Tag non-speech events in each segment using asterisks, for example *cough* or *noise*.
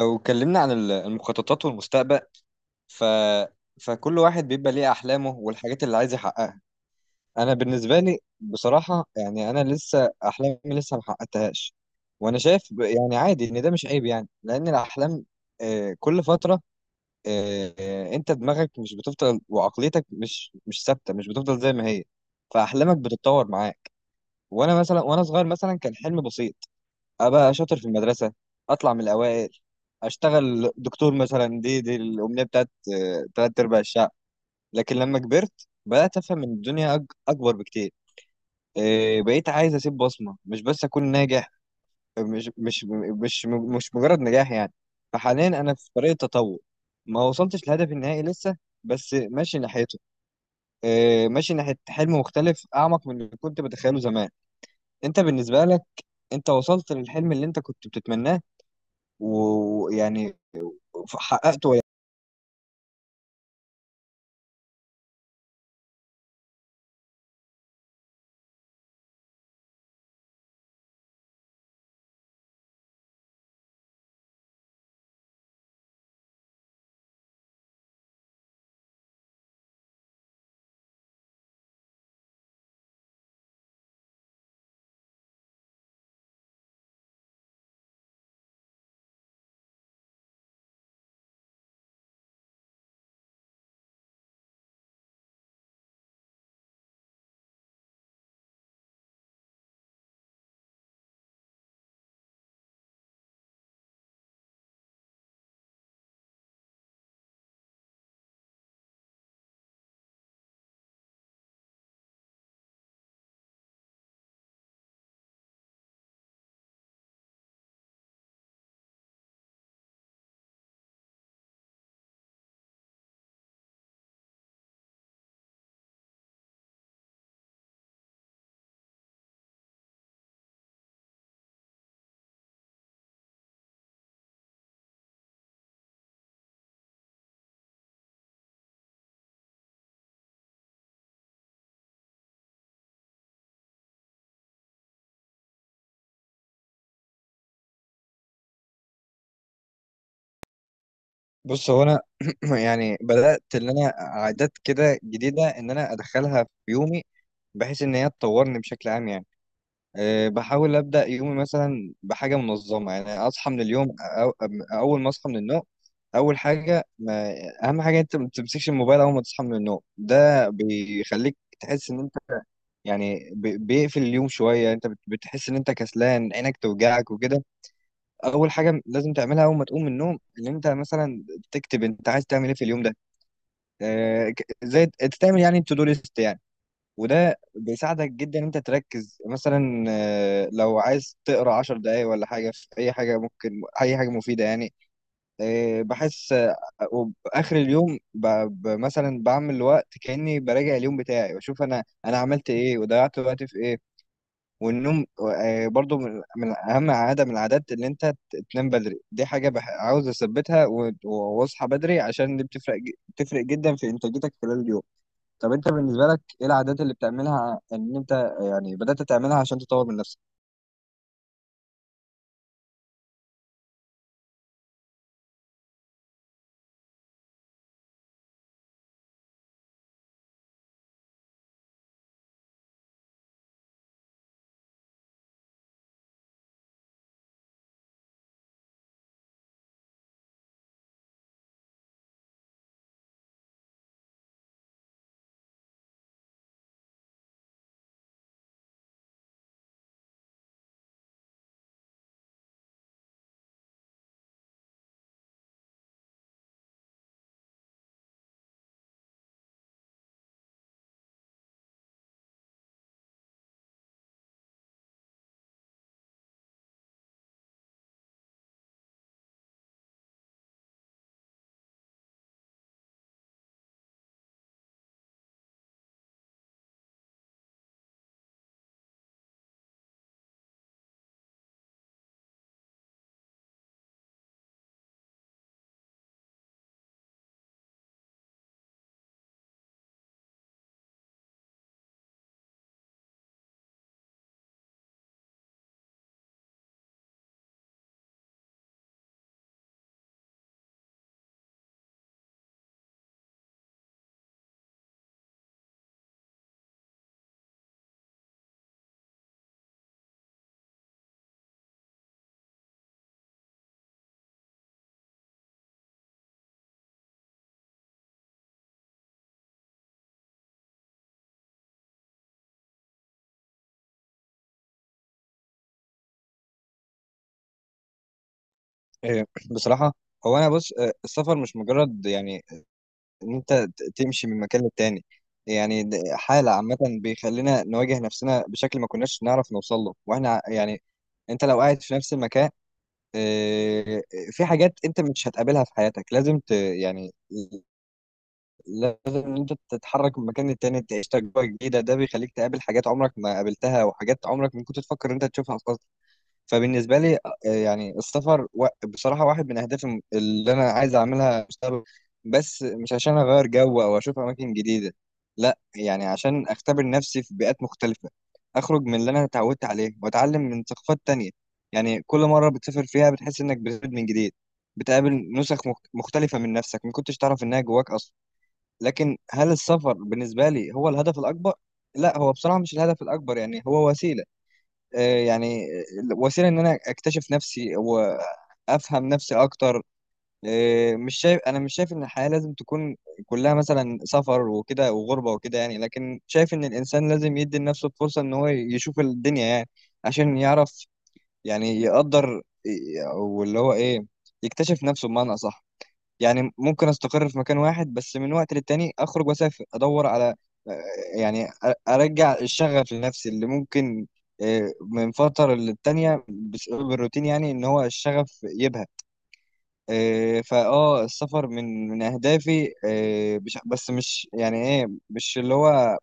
لو اتكلمنا عن المخططات والمستقبل ف... فكل واحد بيبقى ليه أحلامه والحاجات اللي عايز يحققها. أنا بالنسبة لي بصراحة يعني أنا لسه أحلامي لسه ما حققتهاش، وأنا شايف يعني عادي إن ده مش عيب، يعني لأن الأحلام كل فترة أنت دماغك مش بتفضل، وعقليتك مش ثابتة، مش بتفضل زي ما هي. فأحلامك بتتطور معاك. وأنا مثلا وأنا صغير مثلا كان حلم بسيط: ابقى شاطر في المدرسه، اطلع من الاوائل، اشتغل دكتور، مثلا دي الامنيه بتاعت تلات ارباع الشعب. لكن لما كبرت بدات افهم ان الدنيا اكبر بكتير. بقيت عايز اسيب بصمه، مش بس اكون ناجح. مش مش مش مش مجرد نجاح يعني. فحاليا انا في طريق التطور، ما وصلتش لهدفي النهائي لسه، بس ماشي ناحيته. ماشي ناحيه حلم مختلف، اعمق من اللي كنت بتخيله زمان. انت بالنسبه لك، انت وصلت للحلم اللي انت كنت بتتمناه ويعني حققته ولا؟ بص، هو انا *clears throat* يعني بدات ان انا عادات كده جديده ان انا ادخلها في يومي، بحيث ان هي تطورني بشكل عام يعني. بحاول ابدا يومي مثلا بحاجه منظمه، يعني اصحى من اليوم أو اول ما اصحى من النوم. اول حاجه ما اهم حاجه انت ما تمسكش الموبايل اول ما تصحى من النوم، ده بيخليك تحس ان انت يعني بيقفل اليوم شويه، انت بتحس ان انت كسلان، عينك توجعك وكده. اول حاجه لازم تعملها اول ما تقوم من النوم ان انت مثلا تكتب انت عايز تعمل ايه في اليوم ده. زي تعمل يعني تو دو ليست يعني. وده بيساعدك جدا ان انت تركز، مثلا لو عايز تقرا 10 دقايق ولا حاجه في اي حاجه، ممكن اي حاجه مفيده يعني. آه، بحس آه، وبآخر اليوم مثلا بعمل وقت كاني براجع اليوم بتاعي واشوف انا عملت ايه وضيعت وقتي في ايه. والنوم برضو من اهم عاده من العادات، ان انت تنام بدري، دي حاجه عاوز اثبتها، واصحى بدري، عشان دي بتفرق بتفرق جدا في انتاجيتك خلال اليوم. طب انت بالنسبه لك، ايه العادات اللي بتعملها ان انت يعني بدات تعملها عشان تطور من نفسك؟ بصراحه هو انا بص، السفر مش مجرد يعني ان انت تمشي من مكان للتاني. يعني حاله عامه بيخلينا نواجه نفسنا بشكل ما كناش نعرف نوصل له، واحنا يعني انت لو قاعد في نفس المكان آه، في حاجات انت مش هتقابلها في حياتك، لازم يعني لازم ان انت تتحرك من مكان للتاني، تعيش تجربه جديده، ده بيخليك تقابل حاجات عمرك ما قابلتها، وحاجات عمرك ما كنت تفكر ان انت تشوفها اصلا. فبالنسبه لي يعني السفر بصراحه واحد من اهدافي اللي انا عايز اعملها مستقبل، بس مش عشان اغير جو او اشوف اماكن جديده، لا يعني عشان اختبر نفسي في بيئات مختلفه، اخرج من اللي انا اتعودت عليه واتعلم من ثقافات تانية. يعني كل مره بتسافر فيها بتحس انك بتولد من جديد، بتقابل نسخ مختلفه من نفسك ما كنتش تعرف انها جواك اصلا. لكن هل السفر بالنسبه لي هو الهدف الاكبر؟ لا، هو بصراحه مش الهدف الاكبر، يعني هو وسيله. آه، يعني وسيله ان انا اكتشف نفسي وافهم نفسي اكتر. مش شايف انا مش شايف ان الحياه لازم تكون كلها مثلا سفر وكده وغربه وكده، يعني لكن شايف ان الانسان لازم يدي لنفسه الفرصه ان هو يشوف الدنيا، يعني عشان يعرف، يعني يقدر واللي هو ايه، يكتشف نفسه بمعنى اصح. يعني ممكن استقر في مكان واحد، بس من وقت للتاني اخرج واسافر ادور على يعني ارجع الشغف لنفسي اللي ممكن من فترة للتانية بسبب الروتين يعني ان هو الشغف يبهى. فاه السفر من اهدافي بس مش يعني ايه مش اللي هو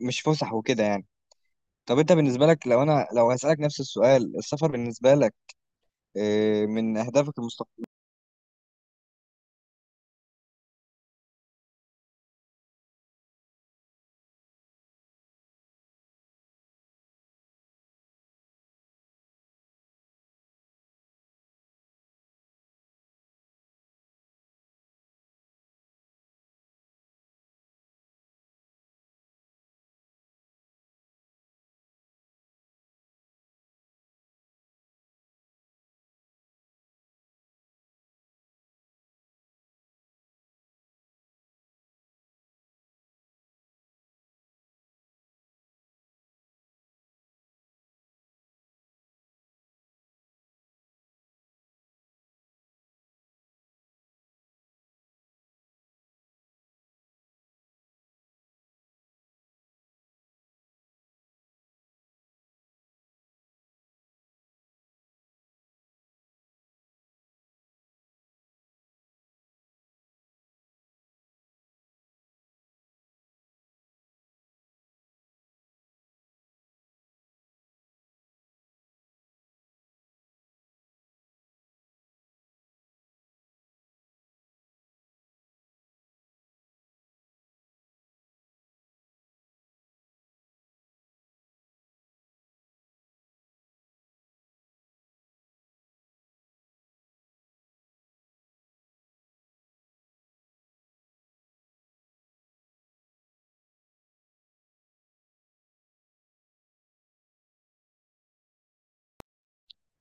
مش فسح وكده يعني. طب انت بالنسبة لك، لو هسألك نفس السؤال، السفر بالنسبة لك من اهدافك المستقبلية؟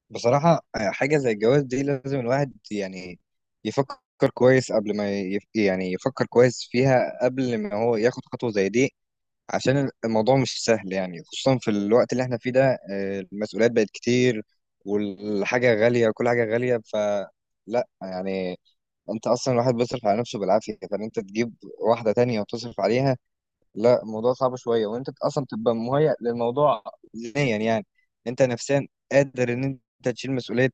بصراحة حاجة زي الجواز دي لازم الواحد يعني يفكر كويس قبل ما يعني يفكر كويس فيها قبل ما هو ياخد خطوة زي دي. عشان الموضوع مش سهل، يعني خصوصا في الوقت اللي احنا فيه ده المسؤوليات بقت كتير، والحاجة غالية، كل حاجة غالية، فلا يعني انت اصلا الواحد بيصرف على نفسه بالعافية، فان انت تجيب واحدة تانية وتصرف عليها، لا الموضوع صعب شوية. وانت اصلا تبقى مهيأ للموضوع ذهنيا يعني، انت نفسيا قادر ان انت تشيل مسؤولية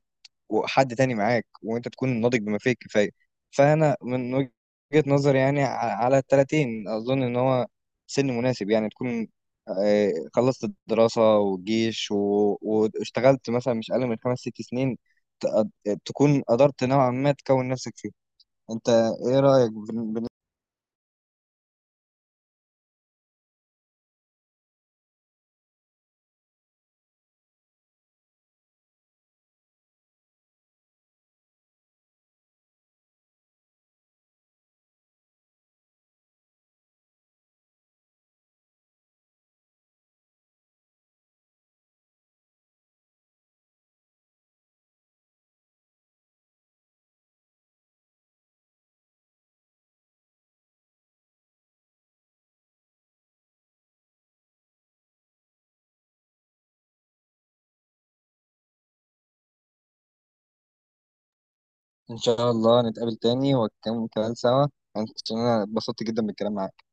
وحد تاني معاك، وانت تكون ناضج بما فيه الكفايه. فانا من وجهه نظري يعني على الـ30 اظن ان هو سن مناسب، يعني تكون خلصت الدراسه والجيش واشتغلت مثلا مش اقل من خمس ست سنين، تكون قدرت نوعا ما تكون نفسك فيه. انت ايه رايك ان شاء الله نتقابل تاني ونكمل كلام سوا، عشان انا اتبسطت جدا بالكلام معاك.